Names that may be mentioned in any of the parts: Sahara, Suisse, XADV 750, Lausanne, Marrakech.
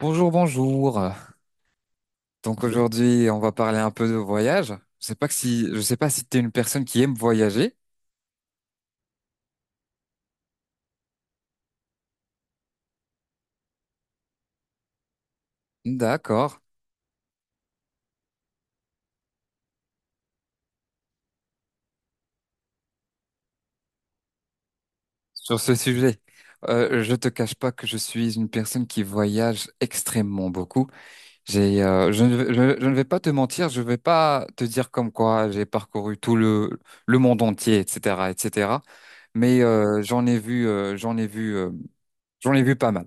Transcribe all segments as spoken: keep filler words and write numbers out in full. Bonjour, bonjour. Donc aujourd'hui, on va parler un peu de voyage. Je sais pas que si, je sais pas si tu es une personne qui aime voyager. D'accord. Sur ce sujet, euh, je te cache pas que je suis une personne qui voyage extrêmement beaucoup. J'ai, euh, je ne, vais- je, je ne vais pas te mentir, je vais pas te dire comme quoi j'ai parcouru tout le le monde entier, et cetera, et cetera. Mais euh, j'en ai vu, euh, j'en ai vu, euh, j'en ai vu pas mal.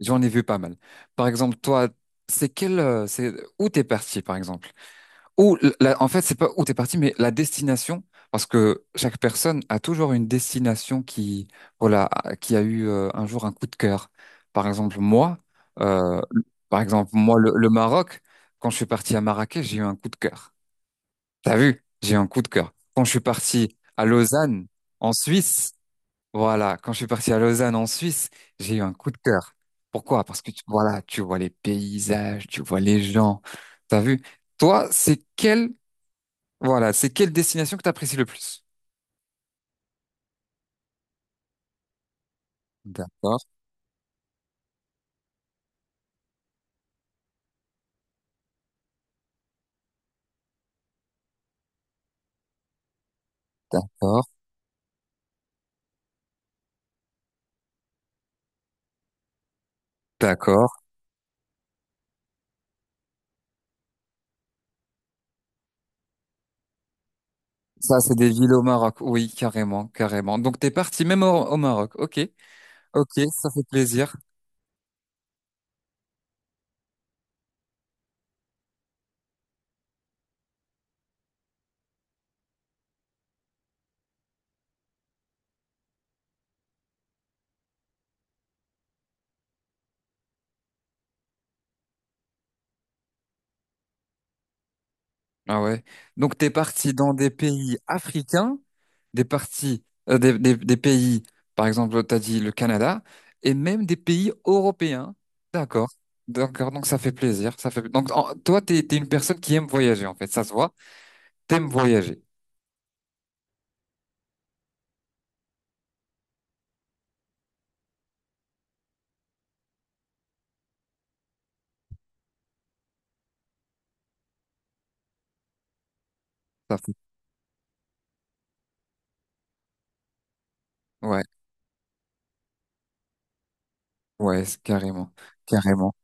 J'en ai vu pas mal. Par exemple, toi, c'est quel, euh, c'est où t'es parti, par exemple? Ou l- la- en fait, c'est pas où t'es parti, mais la destination, parce que chaque personne a toujours une destination qui, voilà, a- qui a eu euh, un jour un coup de cœur. Par exemple, moi, euh, Par exemple, moi, le, le Maroc, quand je suis parti à Marrakech, j'ai eu un coup de cœur. T'as vu? J'ai eu un coup de cœur. Quand je suis parti à Lausanne, en Suisse, voilà, quand je suis parti à Lausanne en Suisse, j'ai eu un coup de cœur. Pourquoi? Parce que tu, voilà, tu vois les paysages, tu vois les gens. T'as vu? Toi, c'est quelle, voilà, c'est quelle destination que t'apprécies le plus? D'accord, d'accord, d'accord. Ça, c'est des villes au Maroc. Oui, carrément, carrément. Donc, t'es parti même au, au Maroc. Ok, ok, ça fait plaisir. Ah ouais. Donc t'es parti dans des pays africains, des parties, euh, des, des- des pays, par exemple, t'as dit le Canada, et même des pays européens. D'accord. D'accord, donc ça fait plaisir. Ça fait. Donc en- toi, t'es, t'es une personne qui aime voyager, en fait. Ça se voit. T'aimes voyager. Ça fait. Ouais, ouais, c'est carrément. Carrément.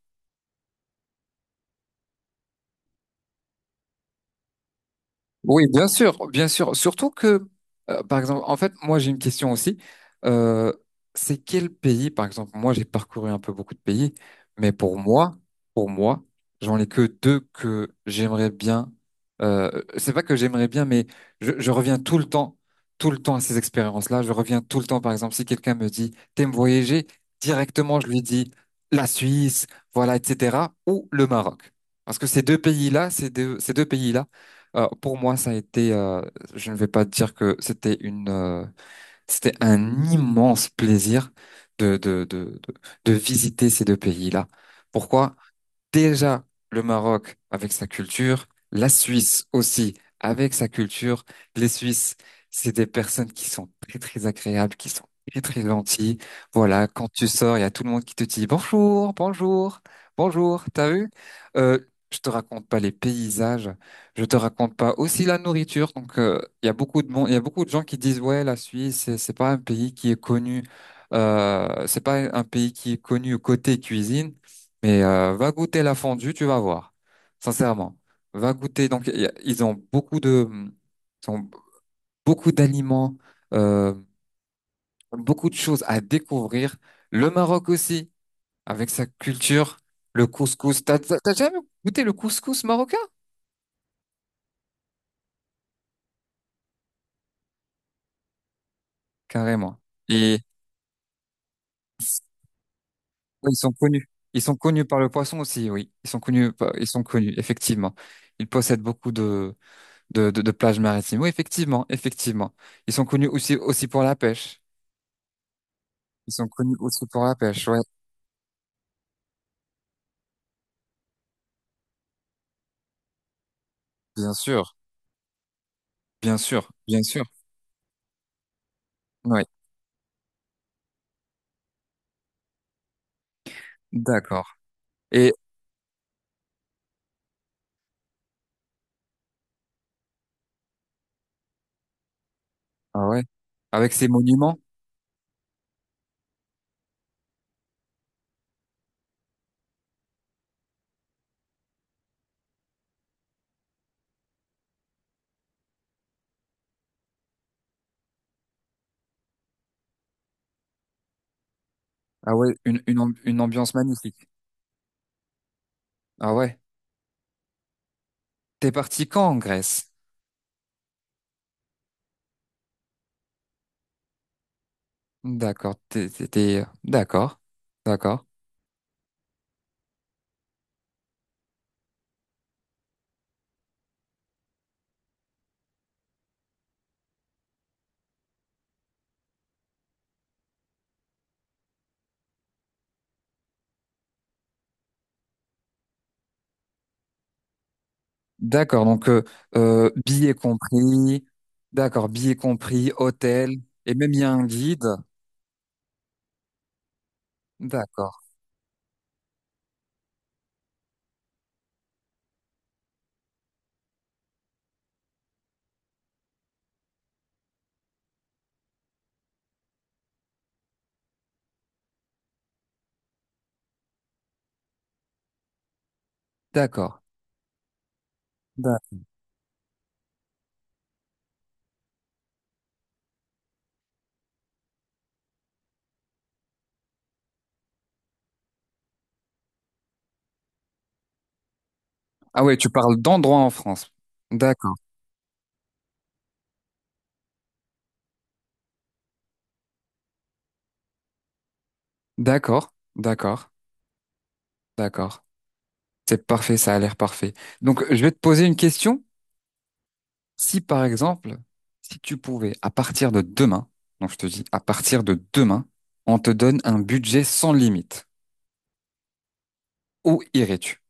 Oui, bien sûr, bien sûr. Surtout que, euh, par exemple, en fait, moi j'ai une question aussi. Euh, c'est quel pays, par exemple, moi j'ai parcouru un peu beaucoup de pays, mais pour moi, pour moi, j'en ai que deux que j'aimerais bien. Euh, c'est pas que j'aimerais bien, mais je, je reviens tout le temps, tout le temps à ces expériences-là. Je reviens tout le temps, par exemple, si quelqu'un me dit, t'aimes voyager, directement je lui dis la Suisse, voilà, et cetera, ou le Maroc. Parce que ces deux pays-là, ces deux, ces deux pays-là. Euh, pour moi, ça a été, euh, je ne vais pas dire que c'était une, euh, c'était un immense plaisir de, de, de, de, de visiter ces deux pays-là. Pourquoi? Déjà le Maroc avec sa culture, la Suisse aussi avec sa culture. Les Suisses, c'est des personnes qui sont très très agréables, qui sont très très gentilles. Voilà, quand tu sors, il y a tout le monde qui te dit bonjour, bonjour, bonjour. T'as vu? Euh, je te raconte pas les paysages, je te raconte pas aussi la nourriture. Donc euh, il y a beaucoup de monde, il y a beaucoup de gens qui disent ouais, la Suisse, c'est c'est pas un pays qui est connu. Euh, c'est pas un pays qui est connu côté cuisine, mais euh, va goûter la fondue, tu vas voir. Sincèrement, va goûter. Donc, y a- ils ont beaucoup de, ils ont beaucoup d'aliments, euh, beaucoup de choses à découvrir. Le Maroc aussi, avec sa culture, le couscous. T'as, t'as t'as jamais goûté le couscous marocain? Carrément. Et oui, ils sont connus. Ils sont connus par le poisson aussi, oui. Ils sont connus, par- ils sont connus, effectivement. Ils possèdent beaucoup de, de, de, de plages maritimes. Oui, effectivement, effectivement. Ils sont connus aussi, aussi pour la pêche. Ils sont connus aussi pour la pêche, ouais. Bien sûr, bien sûr, bien sûr. Ouais, d'accord. Et, ah ouais, avec ces monuments, ah ouais, une, une, amb- une ambiance magnifique. Ah ouais. T'es parti quand en Grèce? D'accord, t'es, t'es- t'es- d'accord, d'accord, d'accord. Donc, euh, euh, billets compris, d'accord, billets compris, hôtel, et même il y a un guide. D'accord, d'accord, d'accord. Ah ouais, tu parles d'endroits en France. D'accord, d'accord, d'accord, d'accord. C'est parfait, ça a l'air parfait. Donc, je vais te poser une question. Si, par exemple, si tu pouvais, à partir de demain, donc je te dis, à partir de demain, on te donne un budget sans limite, où irais-tu?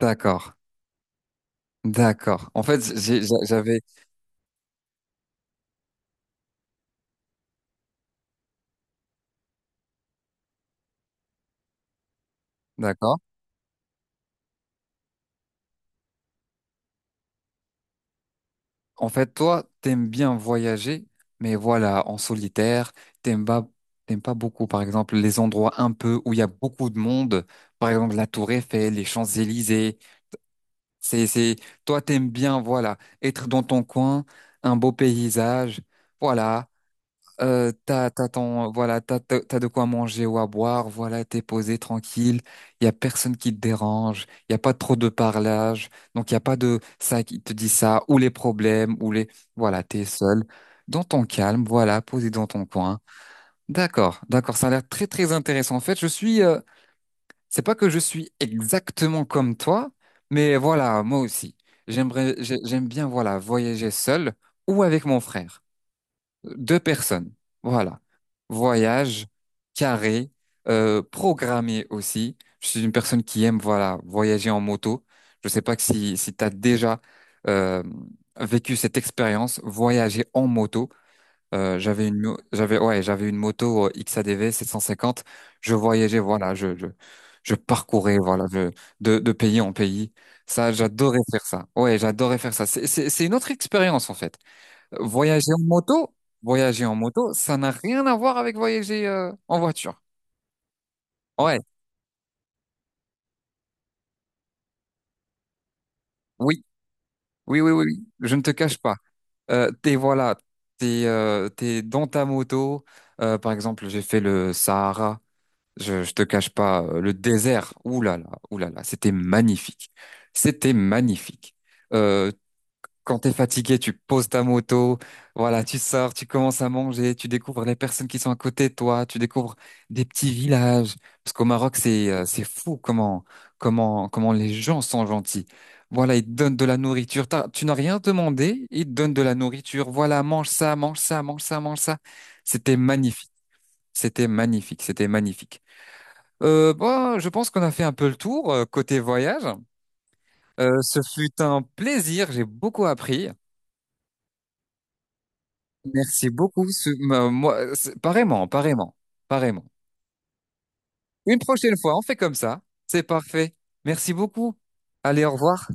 D'accord, d'accord. En fait, j'ai- j'a- j'avais, d'accord. En fait, toi, t'aimes bien voyager, mais voilà, en solitaire, t'aimes pas, t'aimes pas beaucoup, par exemple, les endroits un peu où il y a beaucoup de monde, par exemple la Tour Eiffel, les Champs-Élysées. C'est, c'est, toi, t'aimes bien, voilà, être dans ton coin, un beau paysage, voilà, euh, t'as, t'as ton, voilà, t'as, t'as t'as de quoi manger ou à boire, voilà, t'es posé, tranquille, il y a personne qui te dérange, il y a pas trop de parlage, donc il y a pas de ça qui te dit ça, ou les problèmes, ou les, voilà, t'es seul, dans ton calme, voilà, posé dans ton coin. D'accord, d'accord, ça a l'air très, très intéressant. En fait, je suis, euh, c'est pas que je suis exactement comme toi, mais voilà, moi aussi. J'aimerais, j'ai- j'aime bien, voilà, voyager seul ou avec mon frère. Deux personnes. Voilà. Voyage, carré, euh, programmé aussi. Je suis une personne qui aime, voilà, voyager en moto. Je sais pas que si, si tu as déjà euh, vécu cette expérience, voyager en moto. Euh, j'avais une, mo- j'avais, ouais, J'avais une moto euh, X A D V sept cent cinquante. Je voyageais, voilà, je, je, je parcourais, voilà, je- de, de pays en pays. Ça, j'adorais faire ça. Ouais, j'adorais faire ça. C'est, c'est, c'est une autre expérience, en fait. Euh, Voyager en moto, Voyager en moto, ça n'a rien à voir avec voyager, euh, en voiture. Ouais, oui, oui, oui, oui, oui. Je ne te cache pas. Euh, t'es, voilà, t'es, euh, t'es dans ta moto. Euh, par exemple, j'ai fait le Sahara. Je, je te cache pas, euh, le désert, oulala, oulala, c'était magnifique. C'était magnifique. Euh, quand t'es fatigué, tu poses ta moto, voilà, tu sors, tu commences à manger, tu découvres les personnes qui sont à côté de toi, tu découvres des petits villages. Parce qu'au Maroc, c'est euh, c'est fou comment comment comment les gens sont gentils. Voilà, ils te donnent de la nourriture. T'as- Tu n'as rien demandé, ils te donnent de la nourriture. Voilà, mange ça, mange ça, mange ça, mange ça. C'était magnifique. C'était magnifique, c'était magnifique. Euh, bah, je pense qu'on a fait un peu le tour euh, côté voyage. Euh, ce fut un plaisir, j'ai beaucoup appris. Merci beaucoup. Ce- m- moi, c'est- pareillement, pareillement, pareillement. Une prochaine fois, on fait comme ça. C'est parfait. Merci beaucoup. Allez, au revoir.